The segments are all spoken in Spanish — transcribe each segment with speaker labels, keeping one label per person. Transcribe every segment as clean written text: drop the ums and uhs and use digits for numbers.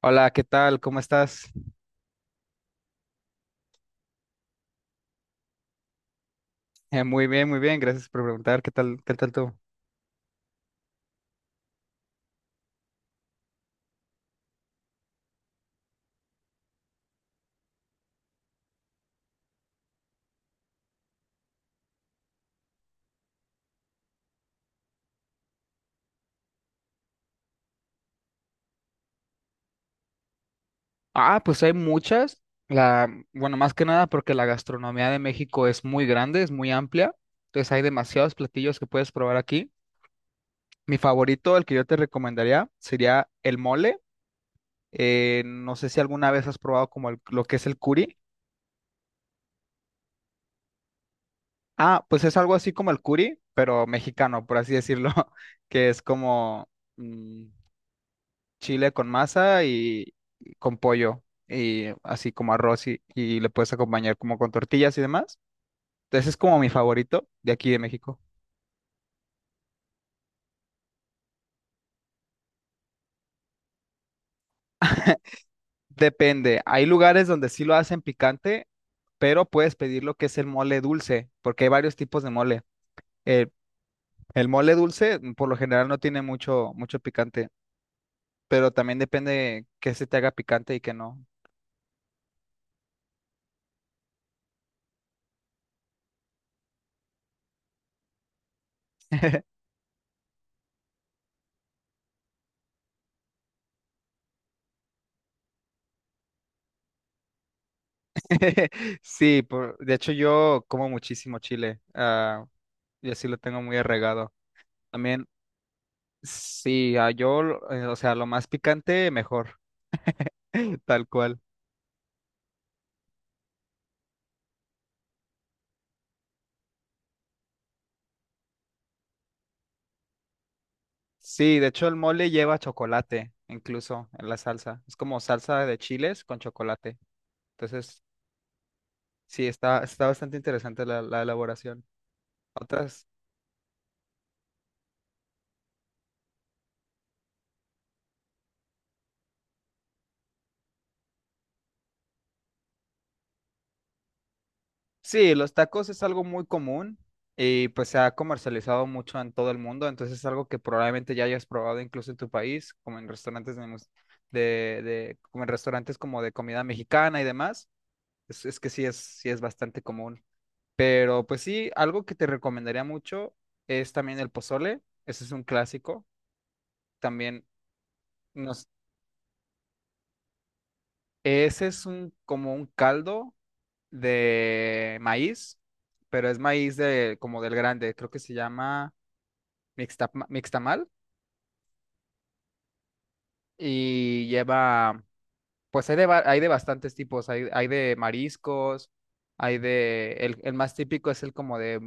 Speaker 1: Hola, ¿qué tal? ¿Cómo estás? Muy bien, muy bien. Gracias por preguntar. ¿Qué tal? ¿Qué tal tú? Ah, pues hay muchas. La, bueno, más que nada porque la gastronomía de México es muy grande, es muy amplia. Entonces hay demasiados platillos que puedes probar aquí. Mi favorito, el que yo te recomendaría, sería el mole. No sé si alguna vez has probado como lo que es el curi. Ah, pues es algo así como el curi, pero mexicano, por así decirlo, que es como... mm, chile con masa y con pollo y así como arroz y le puedes acompañar como con tortillas y demás. Entonces es como mi favorito de aquí de México. Depende, hay lugares donde sí lo hacen picante, pero puedes pedir lo que es el mole dulce, porque hay varios tipos de mole. El, el mole dulce por lo general no tiene mucho picante, pero también depende qué se te haga picante y qué no. Sí, de hecho yo como muchísimo chile, y así lo tengo muy arraigado. También sí, o sea, lo más picante, mejor, tal cual. Sí, de hecho el mole lleva chocolate, incluso en la salsa. Es como salsa de chiles con chocolate. Entonces, sí, está bastante interesante la elaboración. Otras, sí, los tacos es algo muy común y pues se ha comercializado mucho en todo el mundo. Entonces es algo que probablemente ya hayas probado incluso en tu país, como en restaurantes de, mus- de- como en restaurantes como de comida mexicana y demás. Es que sí es, Sí es bastante común. Pero pues sí, algo que te recomendaría mucho es también el pozole. Ese es un clásico. También nos, ese es un como un caldo de maíz, pero es maíz de como del grande, creo que se llama mixtamal y lleva pues hay de bastantes tipos, hay de mariscos, hay de el más típico es el como de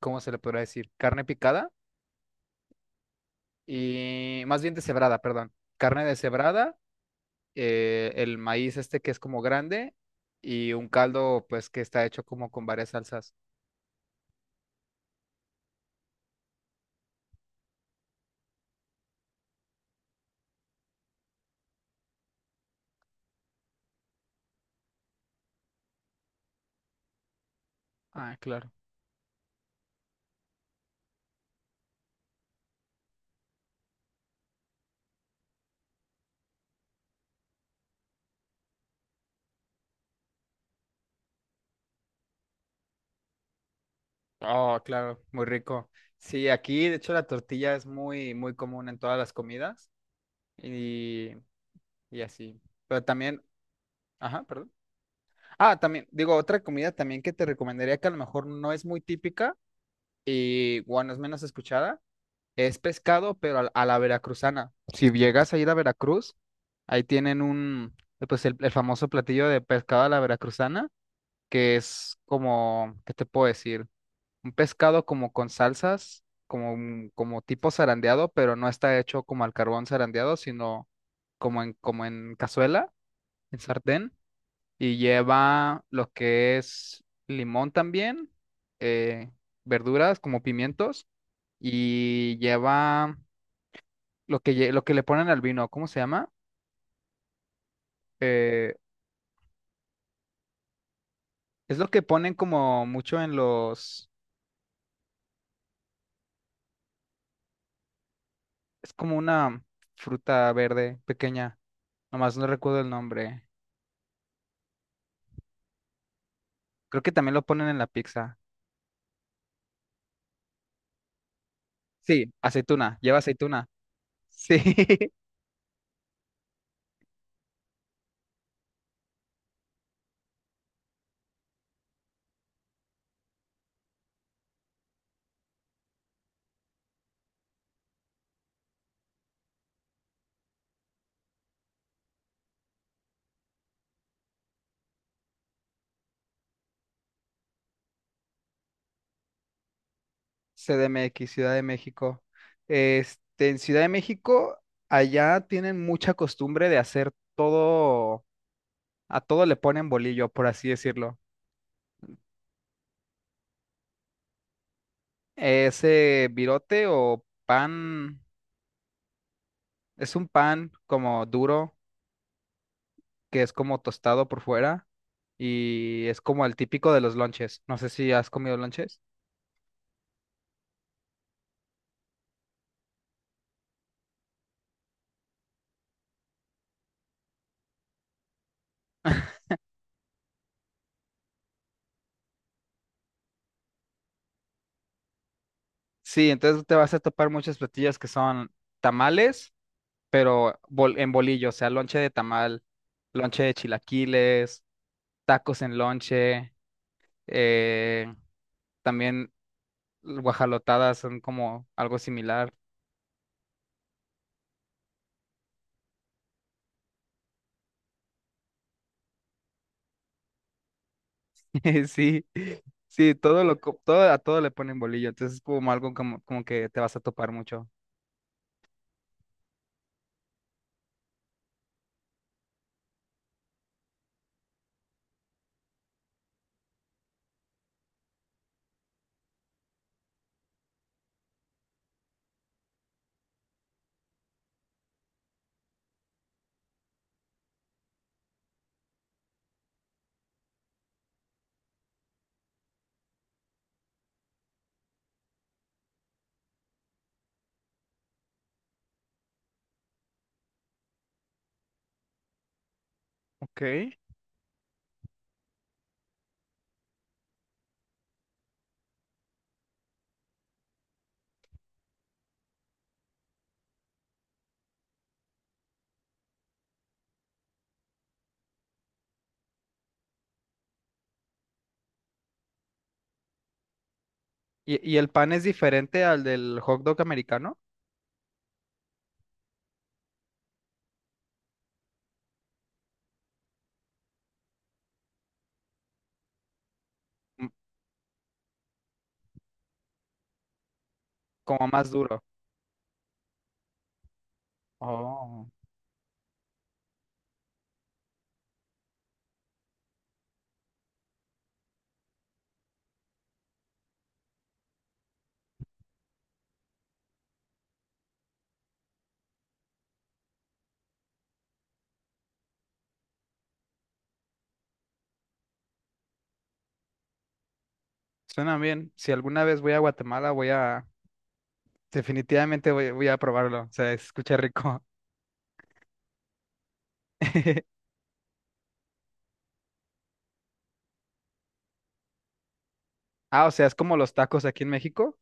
Speaker 1: ¿cómo se le podrá decir? Carne picada y más bien deshebrada, perdón. Carne deshebrada, el maíz este que es como grande y un caldo pues que está hecho como con varias salsas. Ah, claro. Oh, claro, muy rico. Sí, aquí de hecho la tortilla es muy, muy común en todas las comidas y, y así. Pero también, ajá, perdón. Ah, también, digo, otra comida también que te recomendaría que a lo mejor no es muy típica y bueno, es menos escuchada. Es pescado, pero a la veracruzana. Si llegas a ir a Veracruz, ahí tienen un, pues el famoso platillo de pescado a la veracruzana, que es como, ¿qué te puedo decir? Un pescado como con salsas, como, como tipo zarandeado, pero no está hecho como al carbón zarandeado, sino como en, como en cazuela, en sartén, y lleva lo que es limón también, eh, verduras como pimientos, y lleva lo que, lo que le ponen al vino, ¿cómo se llama? Eh, es lo que ponen como mucho en los, es como una fruta verde pequeña, nomás no recuerdo el nombre. Creo que también lo ponen en la pizza. Sí, aceituna, lleva aceituna. Sí, CDMX, Ciudad de México. Este, en Ciudad de México, allá tienen mucha costumbre de hacer todo, a todo le ponen bolillo, por así decirlo. Ese virote o pan. Es un pan como duro, que es como tostado por fuera y es como el típico de los lonches. No sé si has comido lonches. Sí, entonces te vas a topar muchos platillos que son tamales, pero en bolillo, o sea, lonche de tamal, lonche de chilaquiles, tacos en lonche, eh, también guajalotadas son como algo similar. Sí, sí, todo todo, a todo le ponen bolillo, entonces es como algo como, como que te vas a topar mucho. Ok. Y el pan es diferente al del hot dog americano? Mm, como más duro. Oh, suena bien. Si alguna vez voy a Guatemala, voy a... Definitivamente voy, voy a probarlo. O sea, escucha rico. Ah, o sea, es como los tacos aquí en México.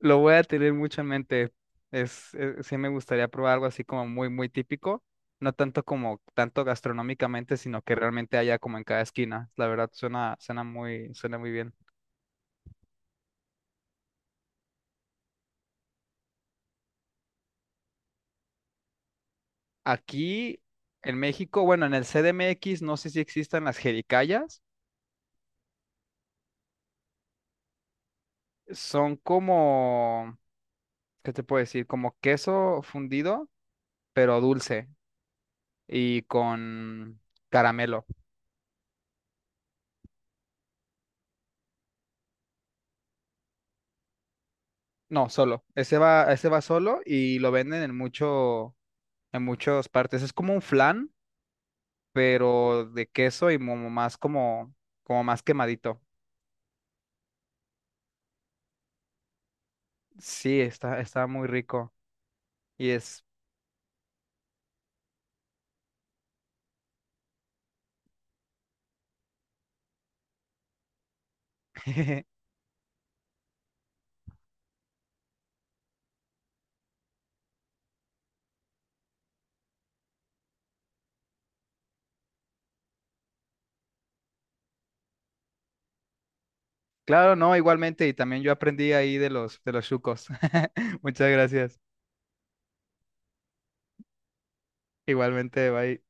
Speaker 1: Lo voy a tener mucho en mente. Sí me gustaría probar algo así como muy, muy típico. No tanto como tanto gastronómicamente, sino que realmente haya como en cada esquina. La verdad, suena, suena muy bien. Aquí en México, bueno, en el CDMX, no sé si existan las jericayas. Son como, ¿qué te puedo decir? Como queso fundido, pero dulce y con caramelo. No, solo. Ese va solo y lo venden en mucho, en muchas partes. Es como un flan, pero de queso y como más como, como más quemadito. Sí, está, está muy rico. Y es. Claro, no, igualmente, y también yo aprendí ahí de los chucos. Muchas gracias. Igualmente, bye.